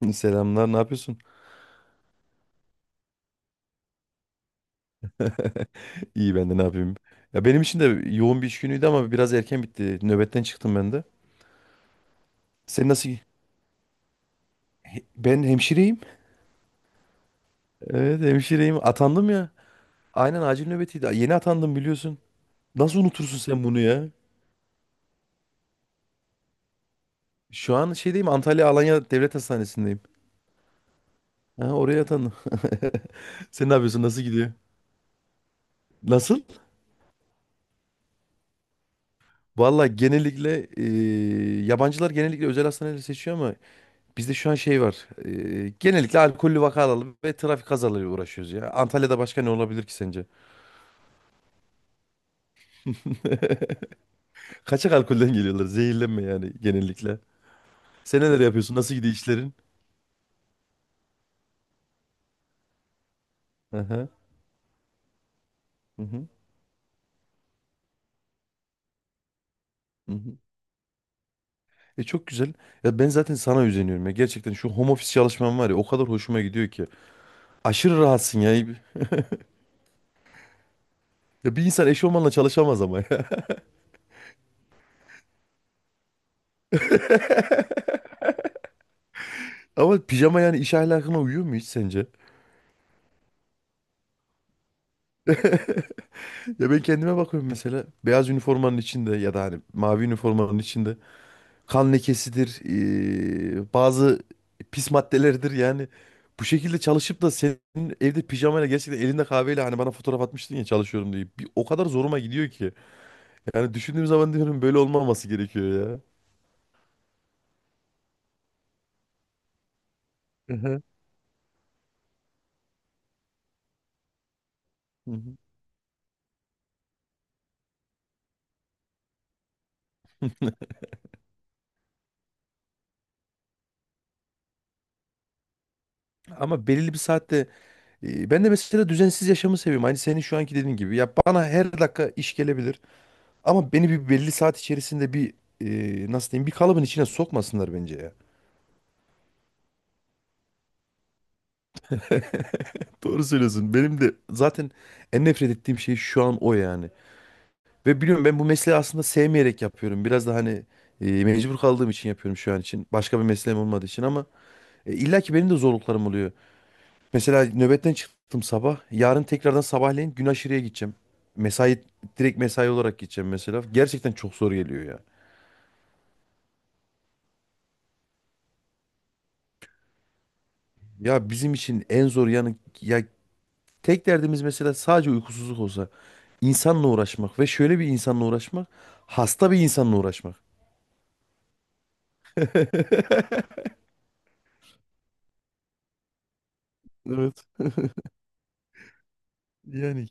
Selamlar, ne yapıyorsun? İyi ben de ne yapayım? Ya benim için de yoğun bir iş günüydü ama biraz erken bitti. Nöbetten çıktım ben de. Sen nasıl? Ben hemşireyim. Evet hemşireyim. Atandım ya. Aynen acil nöbetiydi. Yeni atandım biliyorsun. Nasıl unutursun sen bunu ya? Şu an Antalya Alanya Devlet Hastanesi'ndeyim. Ha, oraya atandım. Sen ne yapıyorsun? Nasıl gidiyor? Nasıl? Valla genellikle yabancılar genellikle özel hastaneleri seçiyor ama bizde şu an şey var. Genellikle alkollü vakalarla ve trafik kazalarıyla uğraşıyoruz ya. Antalya'da başka ne olabilir ki sence? Kaçak alkolden geliyorlar. Zehirlenme yani genellikle. Sen neler yapıyorsun? Nasıl gidiyor işlerin? Aha. Hı hı. Hı hı. E çok güzel. Ya ben zaten sana özeniyorum ya. Gerçekten şu home office çalışmam var ya o kadar hoşuma gidiyor ki. Aşırı rahatsın ya. Ya bir insan eşofmanla çalışamaz ama ya. Ama pijama yani iş ahlakına uyuyor mu hiç sence? Ya ben kendime bakıyorum mesela beyaz üniformanın içinde ya da hani mavi üniformanın içinde. Kan lekesidir, bazı pis maddeleridir yani. Bu şekilde çalışıp da senin evde pijamayla gerçekten elinde kahveyle hani bana fotoğraf atmıştın ya çalışıyorum diye. Bir, o kadar zoruma gidiyor ki. Yani düşündüğüm zaman diyorum böyle olmaması gerekiyor ya. Hı hı. Hı hı. Ama belirli bir saatte ben de mesela düzensiz yaşamı seviyorum. Aynı senin şu anki dediğin gibi. Ya bana her dakika iş gelebilir. Ama beni bir belli saat içerisinde nasıl diyeyim bir kalıbın içine sokmasınlar bence ya. Doğru söylüyorsun. Benim de zaten en nefret ettiğim şey şu an o yani. Ve biliyorum ben bu mesleği aslında sevmeyerek yapıyorum. Biraz da hani mecbur kaldığım için yapıyorum şu an için. Başka bir mesleğim olmadığı için ama illa ki benim de zorluklarım oluyor. Mesela nöbetten çıktım sabah. Yarın tekrardan sabahleyin gün aşırıya gideceğim. Mesai Direkt mesai olarak gideceğim mesela. Gerçekten çok zor geliyor ya. Ya bizim için en zor yanı ya tek derdimiz mesela sadece uykusuzluk olsa insanla uğraşmak ve şöyle bir insanla uğraşmak hasta bir insanla uğraşmak. Evet. Yani.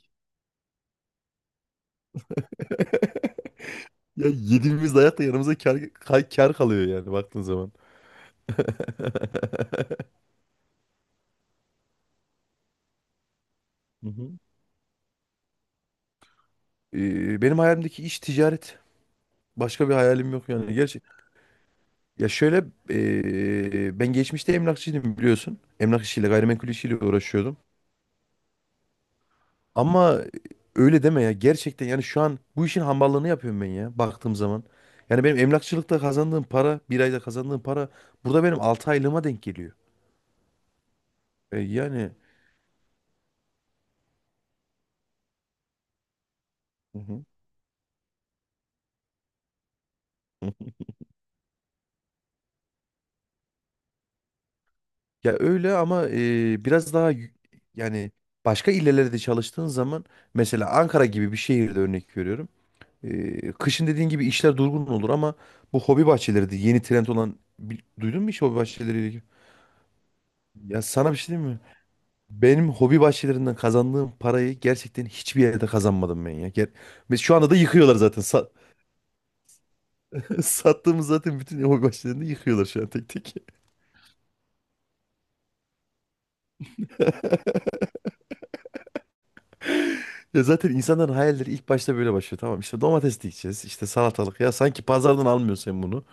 Ya yediğimiz dayakla yanımıza kar kalıyor yani baktığın zaman. Hı hı. Benim hayalimdeki iş ticaret. Başka bir hayalim yok yani. Gerçi ya şöyle ben geçmişte emlakçıydım biliyorsun. Emlak işiyle gayrimenkul işiyle uğraşıyordum. Ama öyle deme ya gerçekten yani şu an bu işin hamballığını yapıyorum ben ya baktığım zaman. Yani benim emlakçılıkta kazandığım para bir ayda kazandığım para burada benim 6 aylığıma denk geliyor. E, yani hı hı. Ya öyle ama yani başka illerde de çalıştığın zaman mesela Ankara gibi bir şehirde örnek veriyorum. E, kışın dediğin gibi işler durgun olur ama bu hobi bahçeleri de yeni trend olan duydun mu hiç hobi bahçeleriyle ilgili? Ya sana bir şey diyeyim mi? Benim hobi bahçelerinden kazandığım parayı gerçekten hiçbir yerde kazanmadım ben ya. Ve şu anda da yıkıyorlar zaten. Sattığımız zaten bütün hobi bahçelerini yıkıyorlar şu an tek tek. Ya zaten insanların hayalleri ilk başta böyle başlıyor. Tamam işte domates dikeceğiz, işte salatalık. Ya sanki pazardan almıyorsun sen bunu.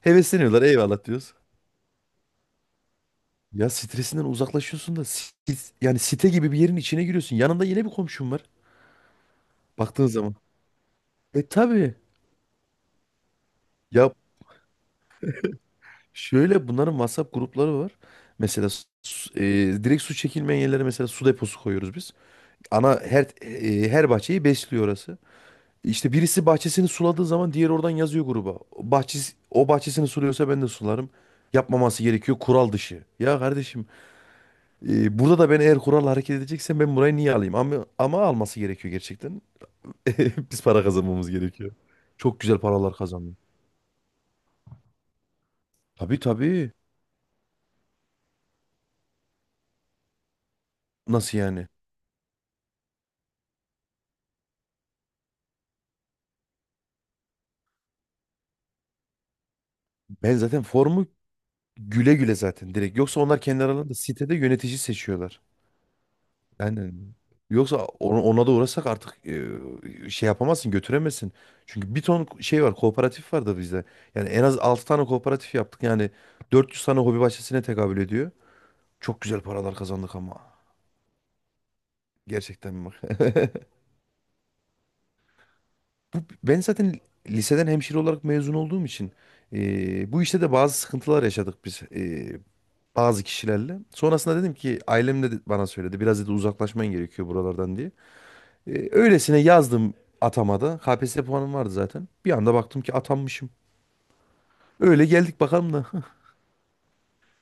Hevesleniyorlar eyvallah diyoruz. Ya stresinden uzaklaşıyorsun da yani site gibi bir yerin içine giriyorsun. Yanında yine bir komşun var baktığın zaman. E tabii. Ya şöyle bunların WhatsApp grupları var. Mesela su- e, direkt su çekilmeyen yerlere mesela su deposu koyuyoruz biz. Ana her her bahçeyi besliyor orası. İşte birisi bahçesini suladığı zaman diğeri oradan yazıyor gruba. Bahçesi, o bahçesini suluyorsa ben de sularım. Yapmaması gerekiyor kural dışı. Ya kardeşim burada da ben eğer kural hareket edeceksem ben burayı niye alayım? Ama alması gerekiyor gerçekten. Biz para kazanmamız gerekiyor. Çok güzel paralar kazanıyor. Tabii tabii. Nasıl yani? Ben zaten formu Güle güle zaten direkt. Yoksa onlar kendi aralarında sitede yönetici seçiyorlar. Yani yoksa ona da uğrasak artık şey yapamazsın, götüremezsin. Çünkü bir ton şey var, kooperatif var da bizde. Yani en az 6 tane kooperatif yaptık. Yani 400 tane hobi bahçesine tekabül ediyor. Çok güzel paralar kazandık ama. Gerçekten bak. Bu, ben zaten liseden hemşire olarak mezun olduğum için bu işte de bazı sıkıntılar yaşadık biz, bazı kişilerle. Sonrasında dedim ki ailem de bana söyledi biraz dedi uzaklaşman gerekiyor buralardan diye. E, öylesine yazdım atamada. KPSS puanım vardı zaten. Bir anda baktım ki atanmışım. Öyle geldik bakalım da.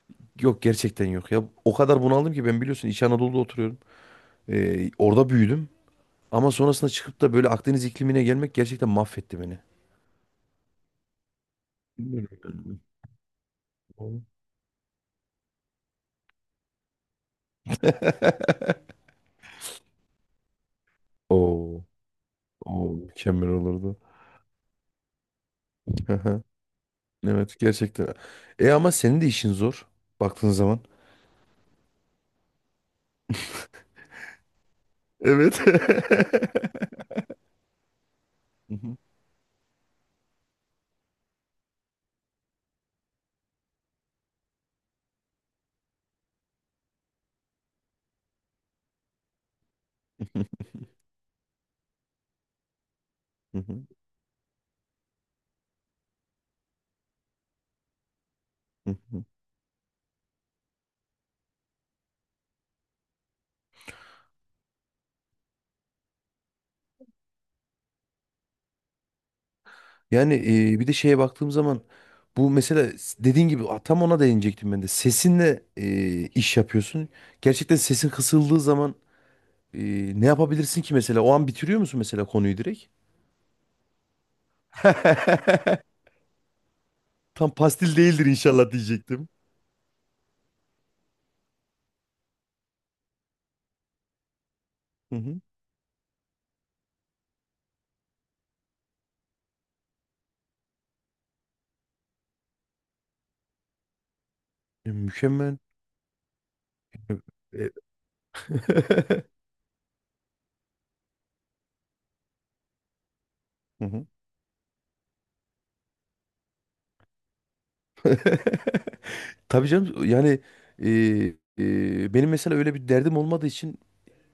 Yok gerçekten yok ya. O kadar bunaldım ki ben biliyorsun İç Anadolu'da oturuyorum. E, orada büyüdüm. Ama sonrasında çıkıp da böyle Akdeniz iklimine gelmek gerçekten mahvetti beni. Bilmiyorum. Oo, mükemmel olurdu. Aha, evet gerçekten. E ama senin de işin zor baktığın zaman. Evet. Hı hı, hı hı, hı hı. Yani bir de şeye baktığım zaman bu mesela dediğin gibi a, tam ona değinecektim ben de. Sesinle iş yapıyorsun. Gerçekten sesin kısıldığı zaman e, ne yapabilirsin ki mesela? O an bitiriyor musun mesela konuyu direkt? Tam pastil değildir inşallah diyecektim. Hı hı. E, mükemmel. E, e, Hı hı. Tabii canım yani e, benim mesela öyle bir derdim olmadığı için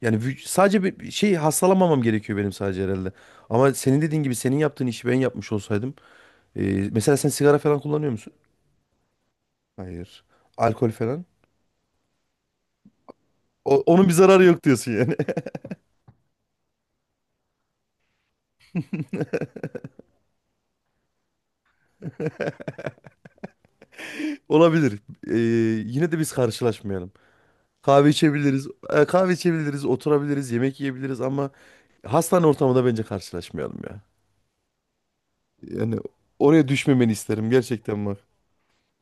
yani sadece bir şey hastalanmamam gerekiyor benim sadece herhalde. Ama senin dediğin gibi senin yaptığın işi ben yapmış olsaydım. e, Mesela sen sigara falan kullanıyor musun? Hayır. Alkol falan. Onun bir zararı yok diyorsun yani. Olabilir. E, yine de biz karşılaşmayalım. Kahve içebiliriz. Oturabiliriz, yemek yiyebiliriz ama hastane ortamında bence karşılaşmayalım ya. Yani oraya düşmemeni isterim gerçekten bak.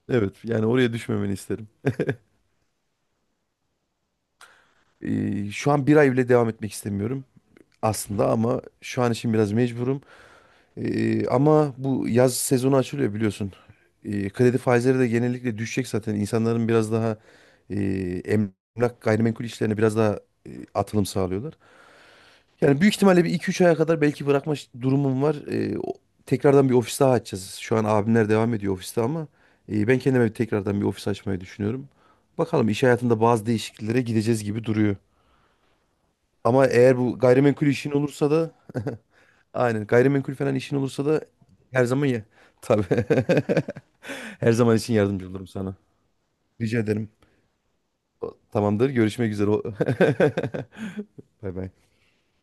Evet yani oraya düşmemeni isterim. E, şu an bir ay bile devam etmek istemiyorum. Aslında ama şu an için biraz mecburum. Ama bu yaz sezonu açılıyor biliyorsun. Kredi faizleri de genellikle düşecek zaten. İnsanların biraz daha e, emlak gayrimenkul işlerine biraz daha atılım sağlıyorlar. Yani büyük ihtimalle bir iki üç aya kadar belki durumum var. Tekrardan bir ofis daha açacağız. Şu an abimler devam ediyor ofiste ama ben kendime tekrardan bir ofis açmayı düşünüyorum. Bakalım iş hayatında bazı değişikliklere gideceğiz gibi duruyor. Ama eğer bu gayrimenkul işin olursa da aynen. Gayrimenkul falan işin olursa da her zaman ya. Tabii. Her zaman için yardımcı olurum sana. Rica ederim. Tamamdır. Görüşmek üzere. Bay bay.